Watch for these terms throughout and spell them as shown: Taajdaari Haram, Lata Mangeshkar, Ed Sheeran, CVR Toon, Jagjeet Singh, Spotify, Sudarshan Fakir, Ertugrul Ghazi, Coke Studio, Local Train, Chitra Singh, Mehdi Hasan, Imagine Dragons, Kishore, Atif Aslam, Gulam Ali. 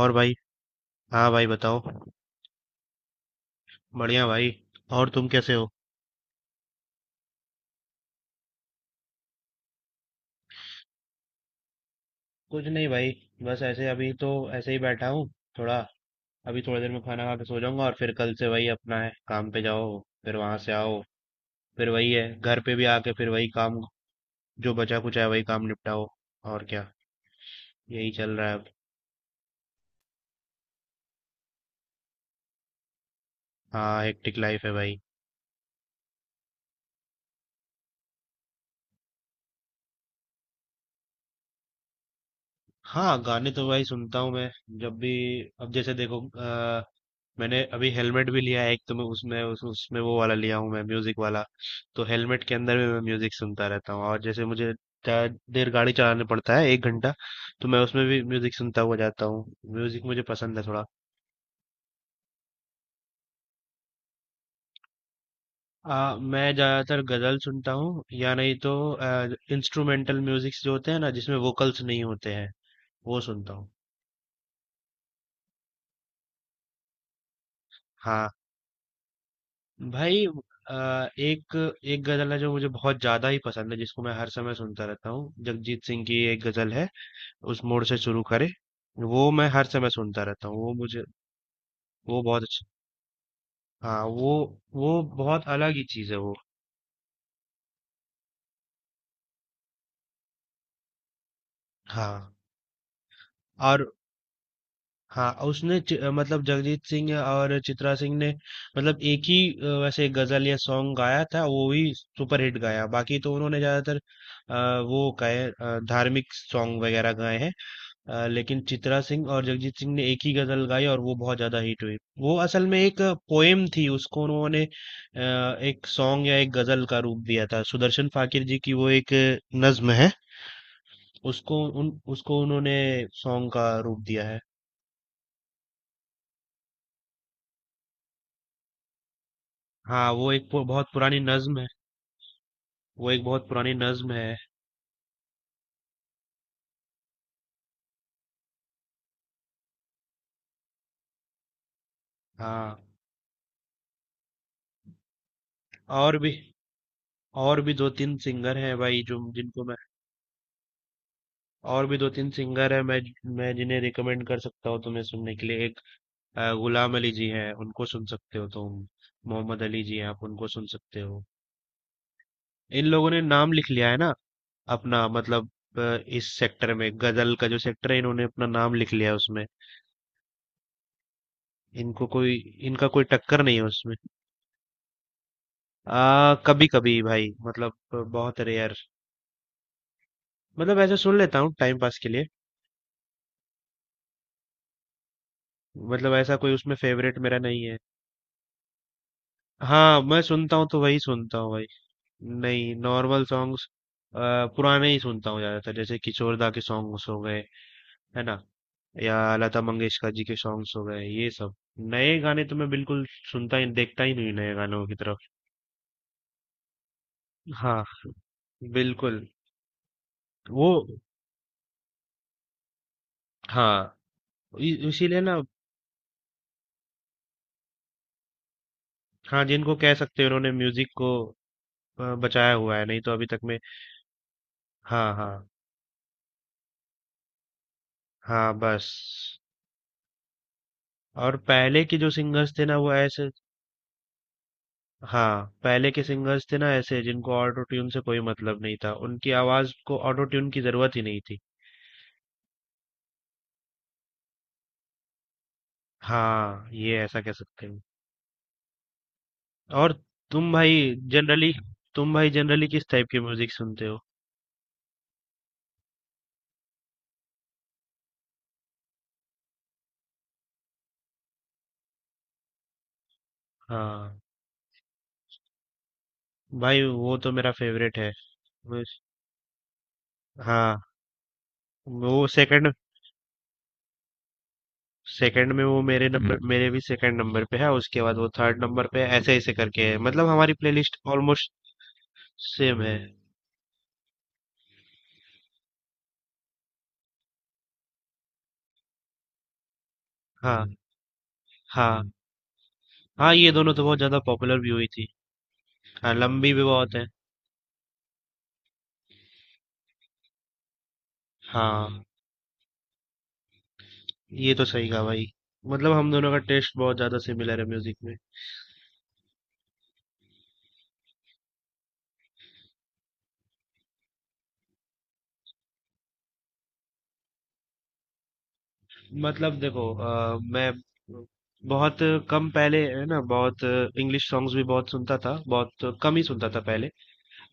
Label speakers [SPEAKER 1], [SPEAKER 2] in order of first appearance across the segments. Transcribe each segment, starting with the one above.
[SPEAKER 1] और भाई। हाँ भाई बताओ। बढ़िया भाई। और तुम कैसे हो? कुछ नहीं भाई। बस ऐसे अभी तो ऐसे ही बैठा हूँ थोड़ा। अभी थोड़ी देर में खाना खा के सो जाऊंगा और फिर कल से वही अपना है काम पे जाओ। फिर वहां से आओ। फिर वही है घर पे भी आके फिर वही काम। जो बचा कुछ है वही काम निपटाओ। और क्या। यही चल रहा है अब। हाँ हेक्टिक लाइफ है भाई। हाँ गाने तो भाई सुनता हूँ मैं। जब भी अब जैसे देखो। मैंने अभी हेलमेट भी लिया है एक तो मैं उसमें उसमें वो वाला लिया हूँ मैं म्यूजिक वाला। तो हेलमेट के अंदर भी मैं म्यूजिक सुनता रहता हूँ, और जैसे मुझे ज्यादा देर गाड़ी चलाने पड़ता है 1 घंटा, तो मैं उसमें भी म्यूजिक सुनता हुआ जाता हूँ। म्यूजिक मुझे पसंद है थोड़ा। मैं ज्यादातर गजल सुनता हूँ, या नहीं तो इंस्ट्रूमेंटल म्यूजिक जो होते हैं ना, जिसमें वोकल्स नहीं होते हैं, वो सुनता हूँ। हाँ भाई। एक एक गजल है जो मुझे बहुत ज्यादा ही पसंद है, जिसको मैं हर समय सुनता रहता हूँ, जगजीत सिंह की एक गजल है। उस मोड़ से शुरू करे। वो मैं हर समय सुनता रहता हूँ, वो मुझे। वो बहुत अच्छा। हाँ वो बहुत अलग ही चीज है वो। हाँ। और। हाँ उसने मतलब जगजीत सिंह और चित्रा सिंह ने, मतलब एक ही वैसे गजल या सॉन्ग गाया था, वो भी सुपर हिट गाया। बाकी तो उन्होंने ज्यादातर वो गाए, धार्मिक सॉन्ग वगैरह गाए हैं। लेकिन चित्रा सिंह और जगजीत सिंह ने एक ही गजल गाई और वो बहुत ज्यादा हिट हुई। वो असल में एक पोएम थी, उसको उन्होंने एक सॉन्ग या एक गजल का रूप दिया था। सुदर्शन फाकिर जी की वो एक नज्म है। उसको उन्होंने सॉन्ग का रूप दिया है। हाँ, वो एक बहुत पुरानी नज्म है। वो एक बहुत पुरानी नज्म है। हाँ। और भी और भी दो तीन सिंगर हैं भाई, जो जिनको मैं और भी दो तीन सिंगर हैं मैं जिन्हें रिकमेंड कर सकता हूँ तुम्हें सुनने के लिए। गुलाम अली जी हैं, उनको सुन सकते हो तुम। मोहम्मद अली जी हैं, आप उनको सुन सकते हो। इन लोगों ने नाम लिख लिया है ना अपना, मतलब अ, इस सेक्टर में गजल का जो सेक्टर है, इन्होंने अपना नाम लिख लिया है उसमें। इनको कोई इनका कोई टक्कर नहीं है उसमें। आ कभी कभी भाई, मतलब बहुत रेयर। मतलब ऐसा सुन लेता हूँ टाइम पास के लिए। मतलब ऐसा कोई उसमें फेवरेट मेरा नहीं है। हाँ, मैं सुनता हूँ तो वही सुनता हूँ भाई। नहीं, नॉर्मल सॉन्ग्स पुराने ही सुनता हूँ ज्यादातर, जैसे किशोरदा के सॉन्ग्स हो गए, है ना, या लता मंगेशकर जी के सॉन्ग्स हो गए, ये सब। नए गाने तो मैं बिल्कुल सुनता ही देखता ही नहीं हूँ, नए गानों की तरफ। हाँ, बिल्कुल। वो हाँ, इसीलिए ना। हाँ जिनको कह सकते हैं उन्होंने म्यूजिक को बचाया हुआ है, नहीं तो अभी तक में। हाँ हाँ। हाँ बस। और पहले के जो सिंगर्स थे ना, वो ऐसे। हाँ, पहले के सिंगर्स थे ना ऐसे, जिनको ऑटो ट्यून से कोई मतलब नहीं था, उनकी आवाज को ऑटो ट्यून की जरूरत ही नहीं थी। हाँ, ये ऐसा कह सकते हैं। और। तुम भाई जनरली तुम भाई जनरली किस टाइप की म्यूजिक सुनते हो? हाँ भाई, वो तो मेरा फेवरेट है। मुझ- हाँ वो सेकंड सेकंड में वो मेरे भी सेकंड नंबर पे है, उसके बाद वो थर्ड नंबर पे है, ऐसे ऐसे करके है, मतलब हमारी प्लेलिस्ट ऑलमोस्ट सेम है। हाँ हाँ। हाँ, ये दोनों तो बहुत ज्यादा पॉपुलर भी हुई थी। हाँ, लंबी भी बहुत है। हाँ, ये तो सही कहा भाई। मतलब हम दोनों का टेस्ट बहुत ज्यादा सिमिलर है म्यूजिक में। मतलब देखो, मैं बहुत कम पहले, है ना, बहुत इंग्लिश सॉन्ग्स भी बहुत सुनता था, बहुत कम ही सुनता था पहले।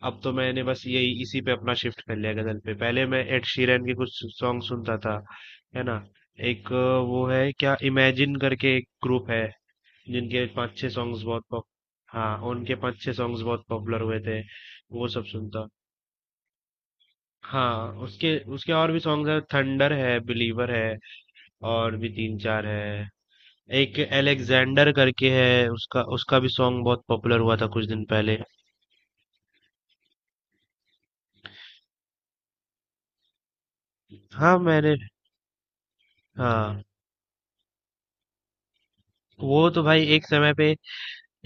[SPEAKER 1] अब तो मैंने बस यही इसी पे अपना शिफ्ट कर लिया, गजल पे। पहले मैं एड शीरन के कुछ सॉन्ग सुनता था, है ना। एक वो है क्या, इमेजिन करके एक ग्रुप है, जिनके पांच छह सॉन्ग्स बहुत पॉप। हाँ, उनके पांच छह सॉन्ग्स बहुत पॉपुलर हुए थे। वो सब सुनता। हाँ, उसके उसके और भी सॉन्ग्स है, थंडर है, बिलीवर है, और भी तीन चार है। एक एलेक्जेंडर करके है, उसका उसका भी सॉन्ग बहुत पॉपुलर हुआ था कुछ दिन पहले। हाँ मैंने। हाँ वो तो भाई,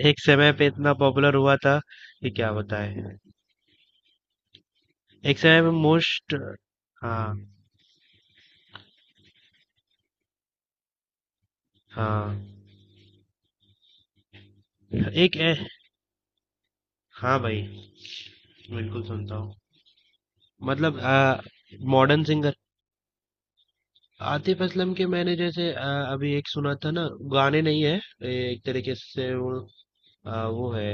[SPEAKER 1] एक समय पे इतना पॉपुलर हुआ था कि क्या बताएं। एक समय पे मोस्ट। हाँ हाँ। एक ए, हाँ भाई, बिल्कुल सुनता हूँ। मतलब मॉडर्न सिंगर। आतिफ असलम के मैंने जैसे अभी एक सुना था ना, गाने नहीं है, एक तरीके से वो वो है,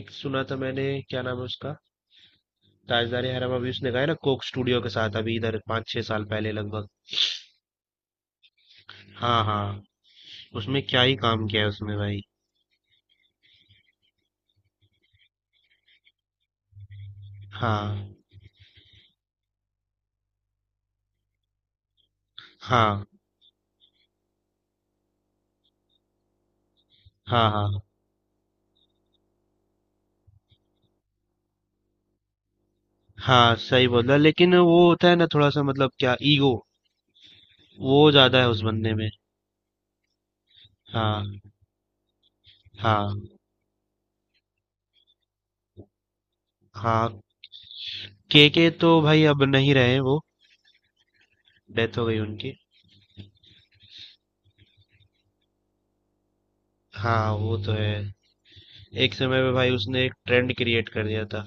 [SPEAKER 1] एक सुना था मैंने, क्या नाम है उसका, ताजदारी हरम, अभी उसने गाया ना कोक स्टूडियो के साथ, अभी इधर 5 6 साल पहले लगभग। हाँ हाँ। उसमें क्या ही काम किया है उसमें भाई। हाँ हाँ। हाँ हाँ। हाँ, सही बोल रहा, लेकिन वो होता है ना थोड़ा सा, मतलब क्या, ईगो वो ज्यादा है उस बंदे में। हाँ हाँ। हाँ। के तो भाई अब नहीं रहे वो, डेथ हो गई उनकी। हाँ, वो तो है। एक समय पे भाई उसने एक ट्रेंड क्रिएट कर दिया था।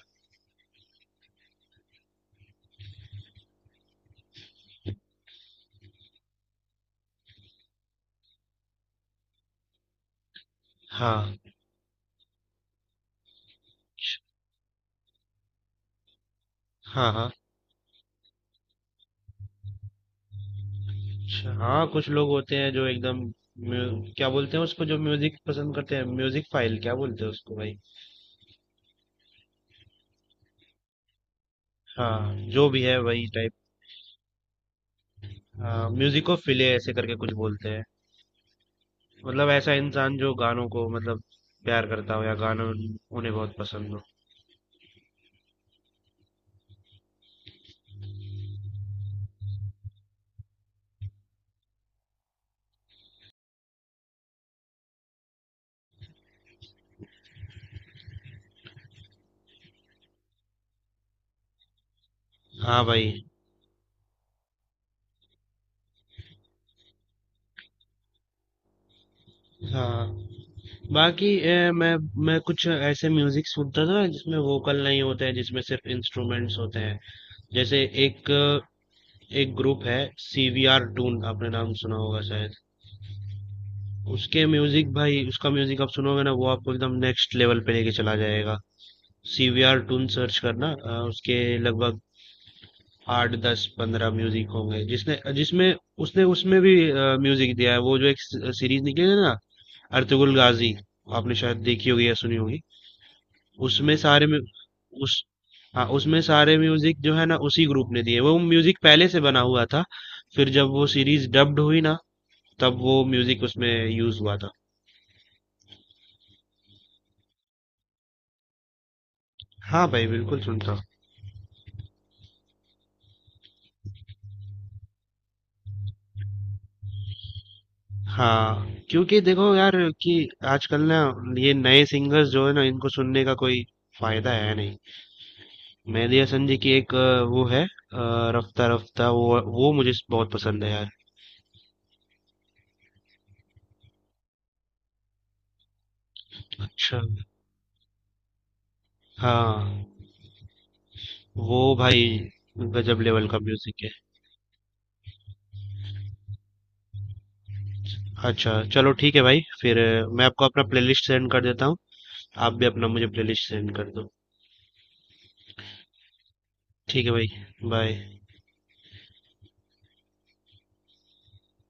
[SPEAKER 1] हाँ हाँ। हाँ, अच्छा। हाँ, कुछ लोग होते हैं जो एकदम, क्या बोलते हैं उसको, जो म्यूजिक पसंद करते हैं, म्यूजिक फाइल क्या बोलते हैं उसको भाई? हाँ, जो भी है वही टाइप। हाँ, म्यूजिको फिले ऐसे करके कुछ बोलते हैं। मतलब ऐसा इंसान जो गानों को, मतलब, प्यार करता हो, या गानों उन्हें बहुत पसंद हो। हाँ भाई। हाँ। बाकी मैं कुछ ऐसे म्यूजिक सुनता था जिसमें वोकल नहीं होते हैं, जिसमें सिर्फ इंस्ट्रूमेंट्स होते हैं। जैसे एक एक ग्रुप है, सीवीआर टून, आपने नाम सुना होगा शायद। उसके म्यूजिक भाई, उसका म्यूजिक आप सुनोगे ना, वो आपको एकदम नेक्स्ट लेवल पे लेके चला जाएगा। सीवीआर टून सर्च करना, उसके लगभग 8 10 15 म्यूजिक होंगे, जिसने जिसमें उसने उसमें भी म्यूजिक दिया है। वो जो एक सीरीज निकली है ना, अर्तुगरुल गाजी, आपने शायद देखी होगी या सुनी होगी। उसमें सारे में उस हाँ उसमें सारे म्यूजिक जो है ना, उसी ग्रुप ने दिए, वो म्यूजिक पहले से बना हुआ था। फिर जब वो सीरीज डब्ड हुई ना, तब वो म्यूजिक उसमें यूज हुआ था। हाँ भाई बिल्कुल सुनता हूँ। हाँ, क्योंकि देखो यार, कि आजकल ना, ये नए सिंगर्स जो है ना, इनको सुनने का कोई फायदा है नहीं। मेहदी हसन जी की एक वो है रफ्ता रफ्ता, वो मुझे बहुत पसंद है यार। अच्छा। हाँ वो भाई, गजब लेवल का म्यूजिक है। अच्छा, चलो ठीक है भाई, फिर मैं आपको अपना प्लेलिस्ट सेंड कर देता हूँ। आप भी अपना मुझे प्लेलिस्ट सेंड कर दो। ठीक है भाई। बाय।